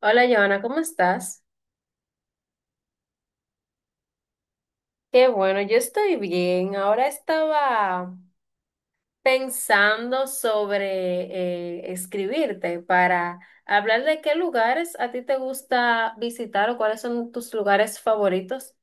Hola, Joana, ¿cómo estás? Qué bueno, yo estoy bien. Ahora estaba pensando sobre escribirte para hablar de qué lugares a ti te gusta visitar o cuáles son tus lugares favoritos.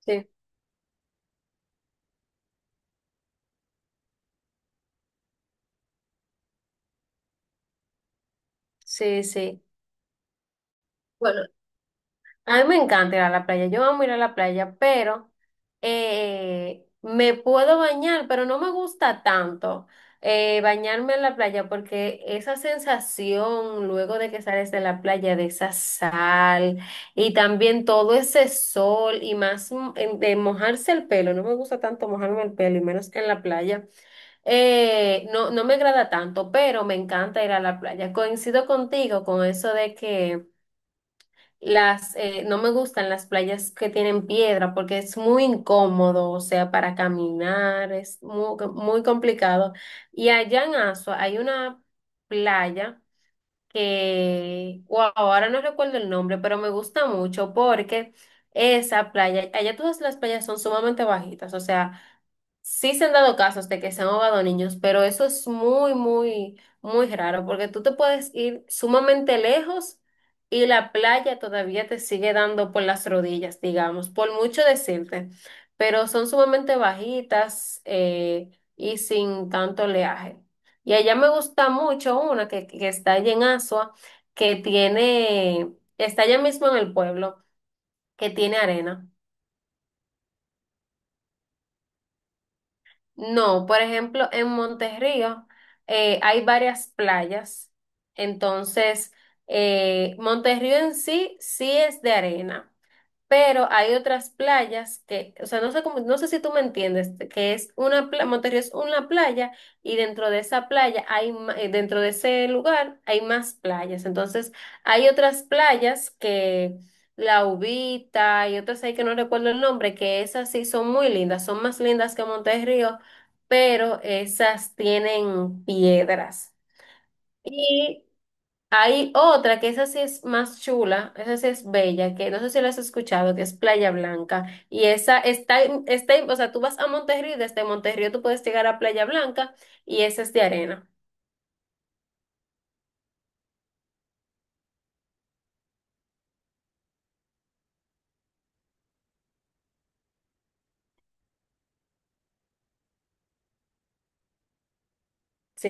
Sí, sí, sí. Bueno. A mí me encanta ir a la playa, yo amo ir a la playa, pero me puedo bañar, pero no me gusta tanto bañarme en la playa porque esa sensación luego de que sales de la playa, de esa sal y también todo ese sol y más de mojarse el pelo, no me gusta tanto mojarme el pelo y menos en la playa, no, no me agrada tanto, pero me encanta ir a la playa. Coincido contigo con eso de que... Las, no me gustan las playas que tienen piedra porque es muy incómodo, o sea, para caminar es muy, muy complicado. Y allá en Asua hay una playa que, wow, ahora no recuerdo el nombre, pero me gusta mucho porque esa playa, allá todas las playas son sumamente bajitas, o sea, sí se han dado casos de que se han ahogado niños, pero eso es muy, muy, muy raro, porque tú te puedes ir sumamente lejos y la playa todavía te sigue dando por las rodillas, digamos, por mucho decirte, pero son sumamente bajitas y sin tanto oleaje. Y allá me gusta mucho una que está allá en Asua, que tiene, está allá mismo en el pueblo, que tiene arena. No, por ejemplo, en Monterrío hay varias playas, entonces Monterrío en sí sí es de arena. Pero hay otras playas que, o sea, no sé cómo, no sé si tú me entiendes, que es una playa, Monterrey es una playa y dentro de esa playa dentro de ese lugar hay más playas. Entonces, hay otras playas que La Ubita y otras ahí que no recuerdo el nombre, que esas sí son muy lindas, son más lindas que Monterrey, pero esas tienen piedras. Hay otra que esa sí es más chula, esa sí es bella, que no sé si la has escuchado, que es Playa Blanca. Y esa o sea, tú vas a Monterrey, desde Monterrey tú puedes llegar a Playa Blanca y esa es de arena. Sí.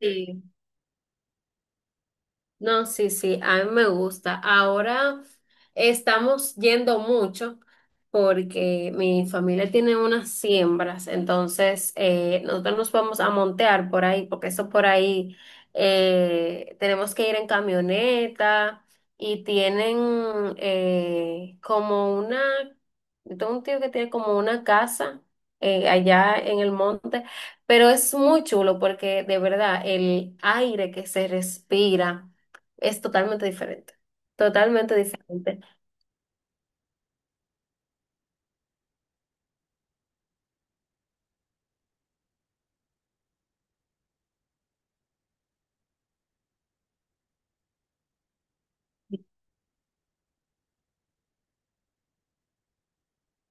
Sí. No, sí, sí, a mí me gusta. Ahora estamos yendo mucho porque mi familia tiene unas siembras, entonces nosotros nos vamos a montear por ahí, porque eso por ahí tenemos que ir en camioneta y tienen yo tengo un tío que tiene como una casa allá en el monte, pero es muy chulo porque de verdad el aire que se respira es totalmente diferente, totalmente diferente.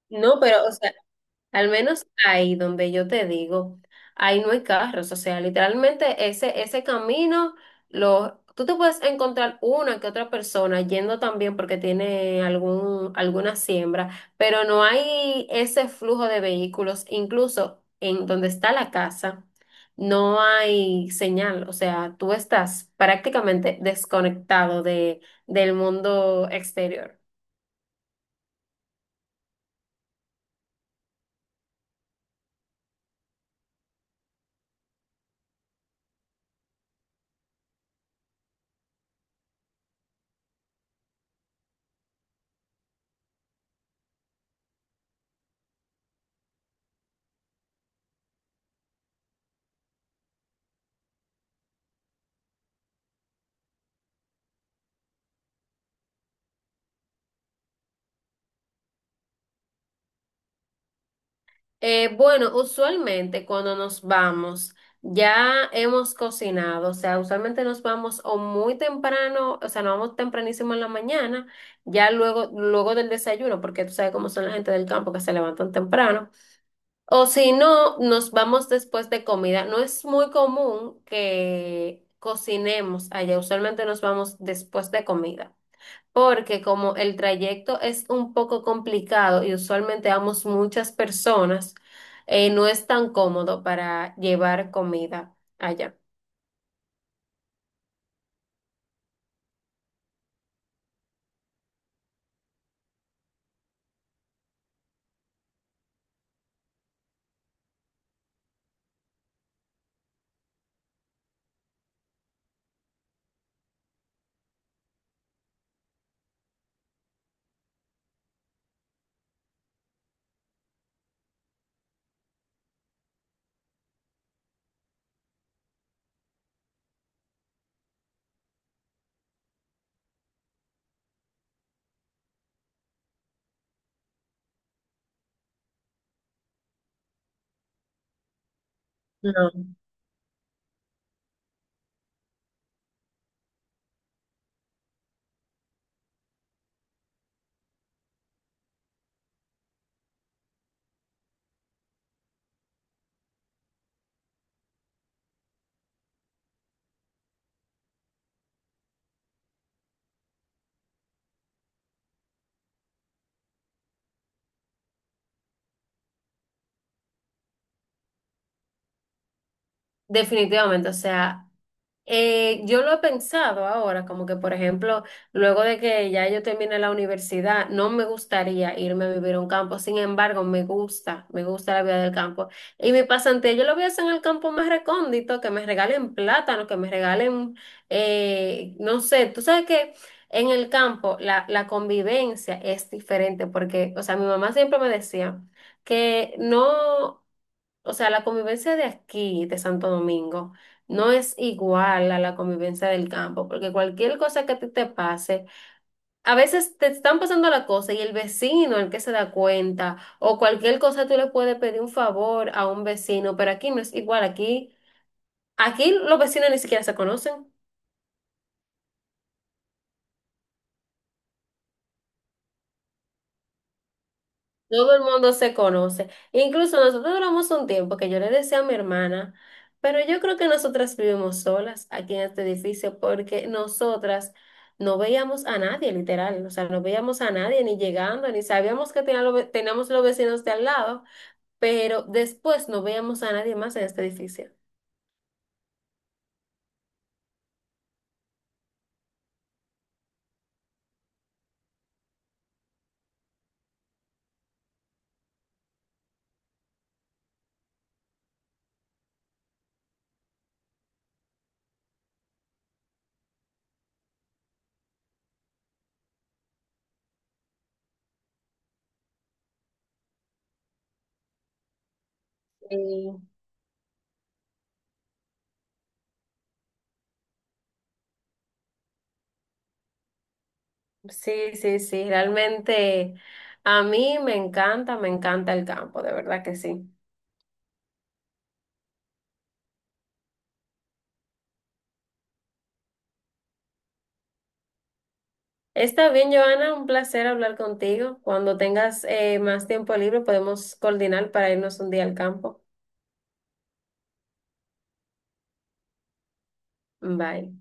No, pero, o sea, al menos ahí donde yo te digo, ahí no hay carros, o sea, literalmente ese, ese camino, lo, tú te puedes encontrar una que otra persona yendo también porque tiene algún, alguna siembra, pero no hay ese flujo de vehículos, incluso en donde está la casa. No hay señal, o sea, tú estás prácticamente desconectado de, del mundo exterior. Bueno, usualmente cuando nos vamos, ya hemos cocinado, o sea, usualmente nos vamos o muy temprano, o sea, nos vamos tempranísimo en la mañana, ya luego del desayuno, porque tú sabes cómo son la gente del campo que se levantan temprano, o si no, nos vamos después de comida. No es muy común que cocinemos allá, usualmente nos vamos después de comida porque como el trayecto es un poco complicado y usualmente vamos muchas personas, no es tan cómodo para llevar comida allá. No. Definitivamente, o sea, yo lo he pensado ahora, como que por ejemplo, luego de que ya yo termine la universidad, no me gustaría irme a vivir a un campo, sin embargo, me gusta la vida del campo. Y mi pasantía yo lo voy a hacer en el campo más recóndito, que me regalen plátano, que me regalen, no sé, tú sabes que en el campo la convivencia es diferente, porque, o sea, mi mamá siempre me decía que no. O sea, la convivencia de aquí, de Santo Domingo, no es igual a la convivencia del campo, porque cualquier cosa que a ti te pase, a veces te están pasando la cosa y el vecino, el que se da cuenta, o cualquier cosa tú le puedes pedir un favor a un vecino, pero aquí no es igual, aquí, aquí los vecinos ni siquiera se conocen. Todo el mundo se conoce. Incluso nosotros duramos un tiempo que yo le decía a mi hermana, pero yo creo que nosotras vivimos solas aquí en este edificio porque nosotras no veíamos a nadie, literal. O sea, no veíamos a nadie ni llegando, ni sabíamos que teníamos los vecinos de al lado, pero después no veíamos a nadie más en este edificio. Y sí, sí, sí, realmente a mí me encanta el campo, de verdad que sí. Está bien, Joana, un placer hablar contigo. Cuando tengas más tiempo libre, podemos coordinar para irnos un día al campo. Bye.